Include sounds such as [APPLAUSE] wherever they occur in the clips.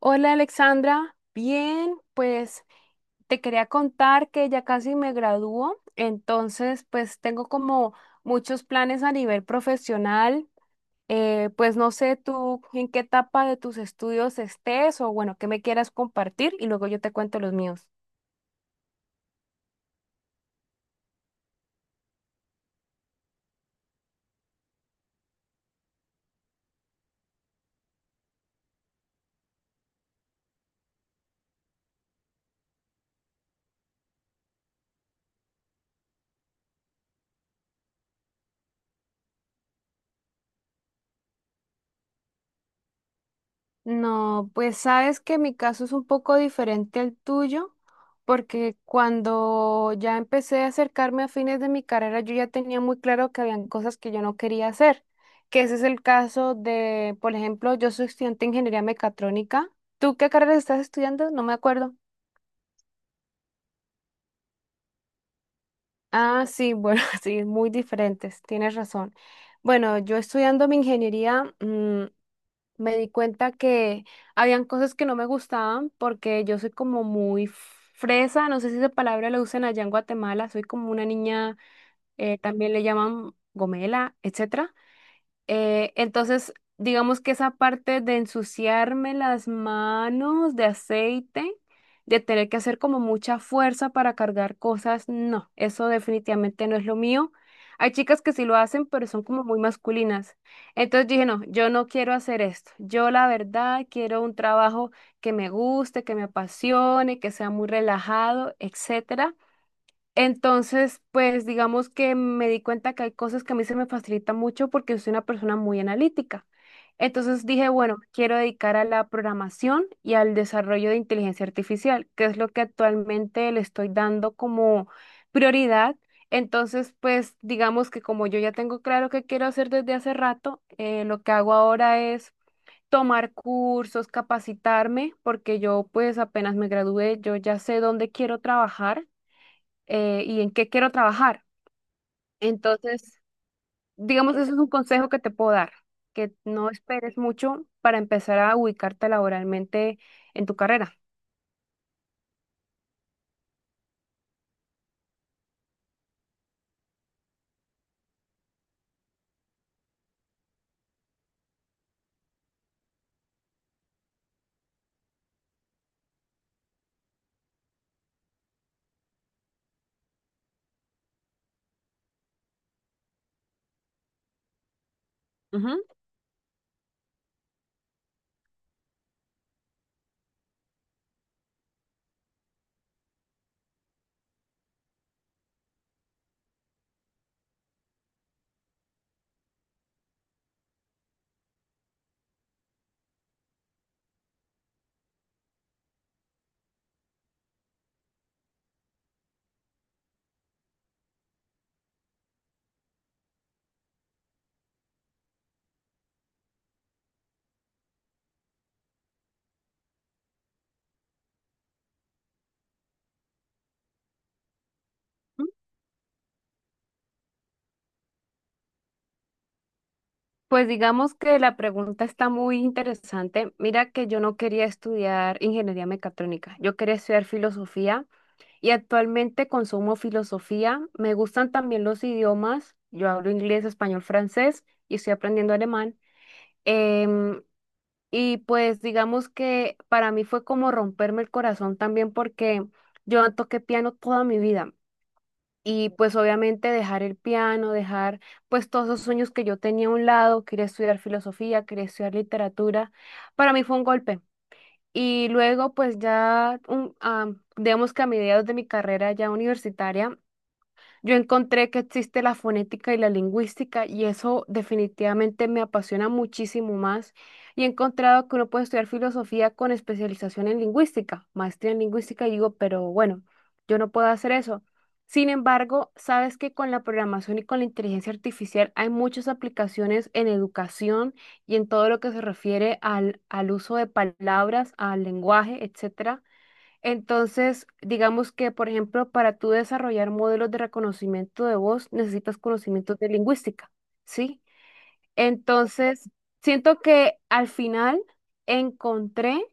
Hola Alexandra, bien, pues te quería contar que ya casi me gradúo, entonces pues tengo como muchos planes a nivel profesional, pues no sé tú en qué etapa de tus estudios estés o bueno, qué me quieras compartir y luego yo te cuento los míos. No, pues sabes que mi caso es un poco diferente al tuyo, porque cuando ya empecé a acercarme a fines de mi carrera, yo ya tenía muy claro que habían cosas que yo no quería hacer, que ese es el caso de, por ejemplo, yo soy estudiante de ingeniería mecatrónica. ¿Tú qué carrera estás estudiando? No me acuerdo. Ah, sí, bueno, [LAUGHS] sí, muy diferentes, tienes razón. Bueno, yo estudiando mi ingeniería, me di cuenta que habían cosas que no me gustaban porque yo soy como muy fresa, no sé si esa palabra la usan allá en Guatemala, soy como una niña, también le llaman gomela, etcétera. Entonces, digamos que esa parte de ensuciarme las manos de aceite, de tener que hacer como mucha fuerza para cargar cosas, no, eso definitivamente no es lo mío. Hay chicas que sí lo hacen, pero son como muy masculinas. Entonces dije, no, yo no quiero hacer esto. Yo la verdad quiero un trabajo que me guste, que me apasione, que sea muy relajado, etcétera. Entonces, pues digamos que me di cuenta que hay cosas que a mí se me facilitan mucho porque soy una persona muy analítica. Entonces dije, bueno, quiero dedicar a la programación y al desarrollo de inteligencia artificial, que es lo que actualmente le estoy dando como prioridad. Entonces, pues digamos que como yo ya tengo claro qué quiero hacer desde hace rato, lo que hago ahora es tomar cursos, capacitarme, porque yo pues apenas me gradué, yo ya sé dónde quiero trabajar y en qué quiero trabajar. Entonces, digamos, eso es un consejo que te puedo dar, que no esperes mucho para empezar a ubicarte laboralmente en tu carrera. Ujú. Pues digamos que la pregunta está muy interesante. Mira que yo no quería estudiar ingeniería mecatrónica, yo quería estudiar filosofía y actualmente consumo filosofía. Me gustan también los idiomas, yo hablo inglés, español, francés y estoy aprendiendo alemán. Em, Y pues digamos que para mí fue como romperme el corazón también porque yo toqué piano toda mi vida y pues obviamente dejar el piano, dejar pues todos esos sueños que yo tenía a un lado, quería estudiar filosofía, quería estudiar literatura, para mí fue un golpe. Y luego pues ya, digamos que a mediados de mi carrera ya universitaria, yo encontré que existe la fonética y la lingüística y eso definitivamente me apasiona muchísimo más. Y he encontrado que uno puede estudiar filosofía con especialización en lingüística, maestría en lingüística, y digo, pero bueno, yo no puedo hacer eso. Sin embargo, sabes que con la programación y con la inteligencia artificial hay muchas aplicaciones en educación y en todo lo que se refiere al uso de palabras, al lenguaje, etcétera. Entonces, digamos que, por ejemplo, para tú desarrollar modelos de reconocimiento de voz, necesitas conocimientos de lingüística, ¿sí? Entonces, siento que al final encontré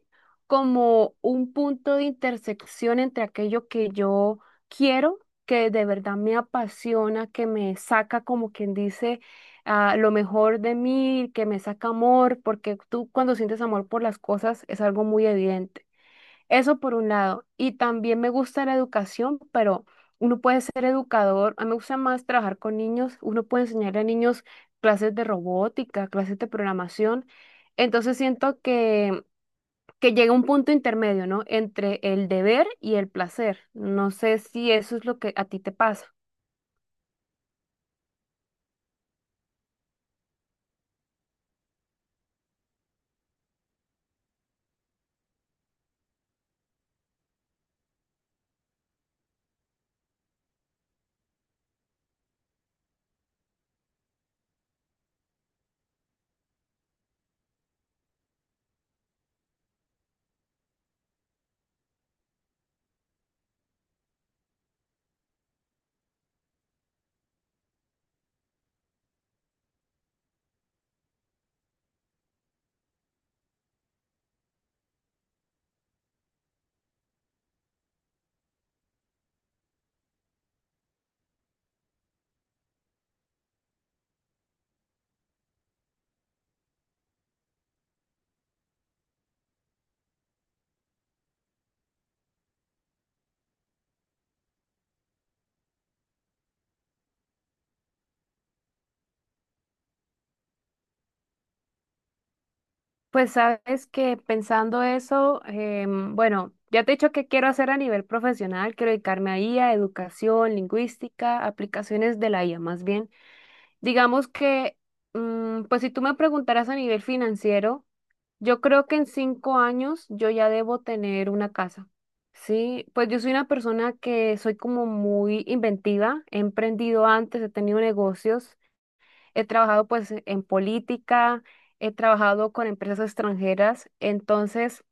como un punto de intersección entre aquello que yo quiero, que de verdad me apasiona, que me saca, como quien dice, lo mejor de mí, que me saca amor, porque tú cuando sientes amor por las cosas es algo muy evidente eso por un lado. Y también me gusta la educación, pero uno puede ser educador. A mí me gusta más trabajar con niños. Uno puede enseñar a niños clases de robótica, clases de programación. Entonces siento que llega un punto intermedio, ¿no? Entre el deber y el placer. No sé si eso es lo que a ti te pasa. Pues sabes que pensando eso, bueno, ya te he dicho que quiero hacer a nivel profesional, quiero dedicarme a IA, educación, lingüística, aplicaciones de la IA más bien. Digamos que, pues si tú me preguntaras a nivel financiero, yo creo que en 5 años yo ya debo tener una casa. Sí, pues yo soy una persona que soy como muy inventiva, he emprendido antes, he tenido negocios, he trabajado pues en política, he trabajado con empresas extranjeras, entonces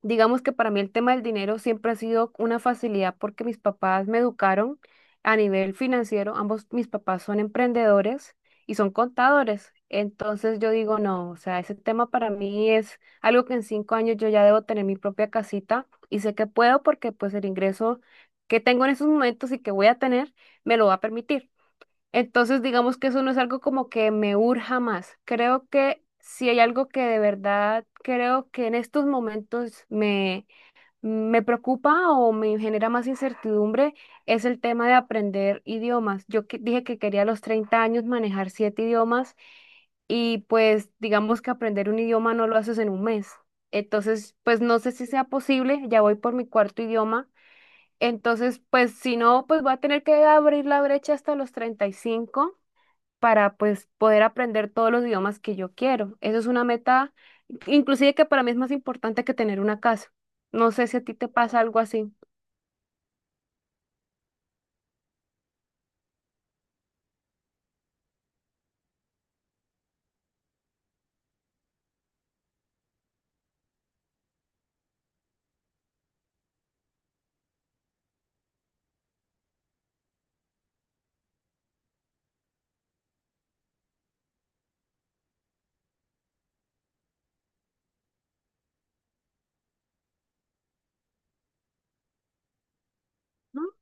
digamos que para mí el tema del dinero siempre ha sido una facilidad porque mis papás me educaron a nivel financiero. Ambos mis papás son emprendedores y son contadores. Entonces yo digo, no, o sea, ese tema para mí es algo que en 5 años yo ya debo tener mi propia casita y sé que puedo porque pues el ingreso que tengo en esos momentos y que voy a tener me lo va a permitir. Entonces, digamos que eso no es algo como que me urja más. Creo que si hay algo que de verdad creo que en estos momentos me, me preocupa o me genera más incertidumbre, es el tema de aprender idiomas. Dije que quería a los 30 años manejar 7 idiomas y pues digamos que aprender un idioma no lo haces en 1 mes. Entonces, pues no sé si sea posible, ya voy por mi cuarto idioma. Entonces, pues si no, pues voy a tener que abrir la brecha hasta los 35 para pues poder aprender todos los idiomas que yo quiero. Eso es una meta, inclusive que para mí es más importante que tener una casa. No sé si a ti te pasa algo así. ¿No?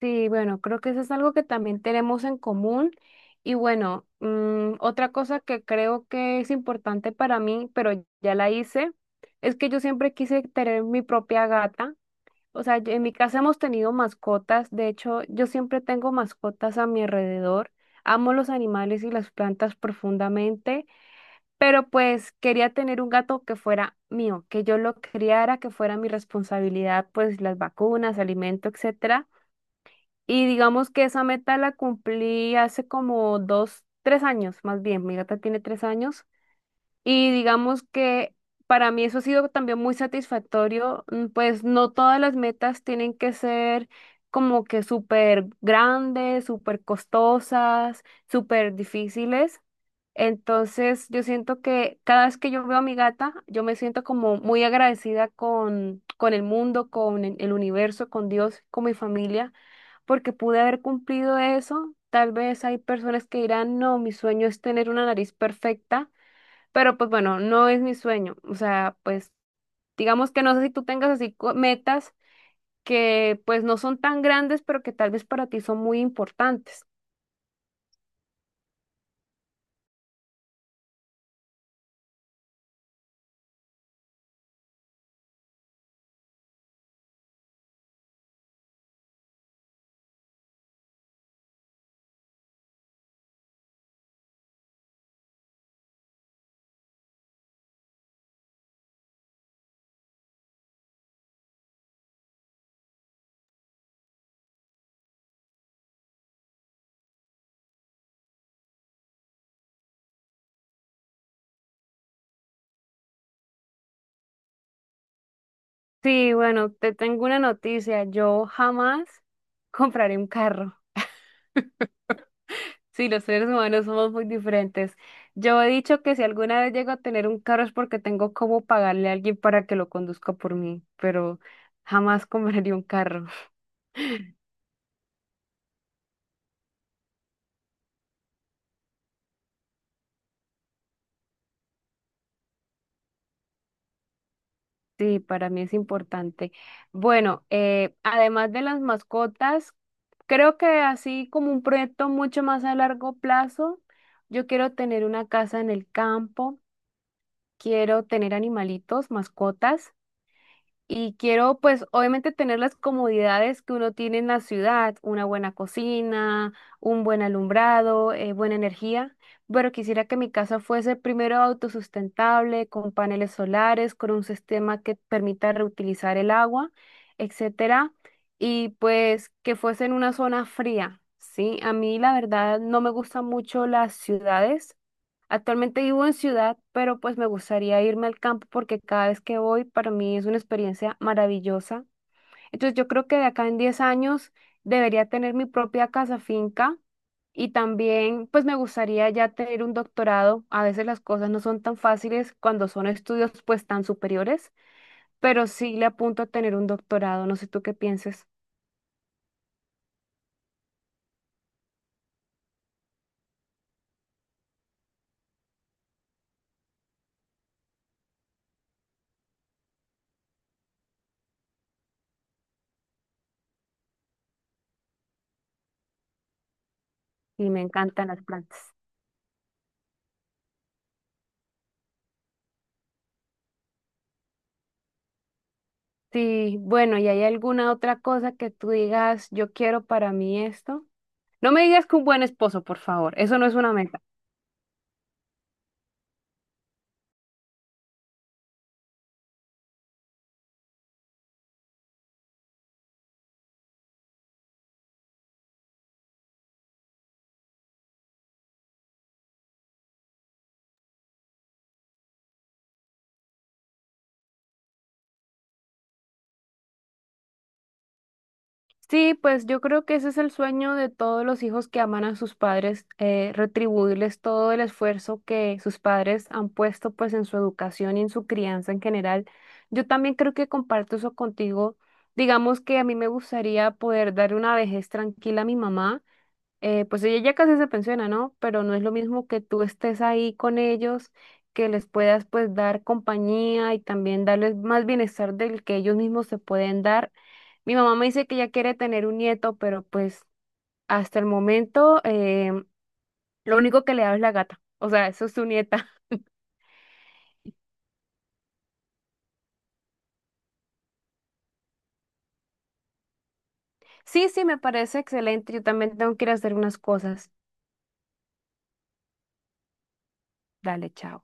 Sí, bueno, creo que eso es algo que también tenemos en común. Y bueno, otra cosa que creo que es importante para mí, pero ya la hice, es que yo siempre quise tener mi propia gata. O sea, en mi casa hemos tenido mascotas, de hecho, yo siempre tengo mascotas a mi alrededor. Amo los animales y las plantas profundamente, pero pues quería tener un gato que fuera mío, que yo lo criara, que fuera mi responsabilidad, pues las vacunas, alimento, etcétera. Y digamos que esa meta la cumplí hace como dos, tres años, más bien. Mi gata tiene 3 años. Y digamos que para mí eso ha sido también muy satisfactorio, pues no todas las metas tienen que ser como que súper grandes, súper costosas, súper difíciles. Entonces yo siento que cada vez que yo veo a mi gata, yo me siento como muy agradecida con el mundo, con el universo, con Dios, con mi familia, porque pude haber cumplido eso. Tal vez hay personas que dirán, no, mi sueño es tener una nariz perfecta, pero pues bueno, no es mi sueño. O sea, pues digamos que no sé si tú tengas así metas que pues no son tan grandes, pero que tal vez para ti son muy importantes. Sí, bueno, te tengo una noticia. Yo jamás [LAUGHS] compraré un carro. Sí, los seres humanos somos muy diferentes. Yo he dicho que si alguna vez llego a tener un carro es porque tengo cómo pagarle a alguien para que lo conduzca por mí, pero jamás [LAUGHS] compraría un carro. Sí, para mí es importante. Bueno, además de las mascotas, creo que así como un proyecto mucho más a largo plazo, yo quiero tener una casa en el campo, quiero tener animalitos, mascotas. Y quiero, pues, obviamente tener las comodidades que uno tiene en la ciudad, una buena cocina, un buen alumbrado, buena energía, pero quisiera que mi casa fuese primero autosustentable, con paneles solares, con un sistema que permita reutilizar el agua, etcétera, y pues que fuese en una zona fría, ¿sí? A mí, la verdad, no me gustan mucho las ciudades. Actualmente vivo en ciudad, pero pues me gustaría irme al campo porque cada vez que voy para mí es una experiencia maravillosa. Entonces yo creo que de acá en 10 años debería tener mi propia casa finca y también pues me gustaría ya tener un doctorado. A veces las cosas no son tan fáciles cuando son estudios pues tan superiores, pero sí le apunto a tener un doctorado. No sé tú qué pienses y me encantan las plantas. Sí, bueno, ¿y hay alguna otra cosa que tú digas, yo quiero para mí esto? No me digas que un buen esposo, por favor. Eso no es una meta. Sí, pues yo creo que ese es el sueño de todos los hijos que aman a sus padres, retribuirles todo el esfuerzo que sus padres han puesto pues en su educación y en su crianza en general. Yo también creo que comparto eso contigo. Digamos que a mí me gustaría poder dar una vejez tranquila a mi mamá, pues ella ya casi se pensiona, ¿no? Pero no es lo mismo que tú estés ahí con ellos, que les puedas pues dar compañía y también darles más bienestar del que ellos mismos se pueden dar. Mi mamá me dice que ella quiere tener un nieto, pero pues hasta el momento lo único que le da es la gata, o sea, eso es su nieta. [LAUGHS] Sí, sí, me parece excelente, yo también tengo que ir a hacer unas cosas. Dale, chao.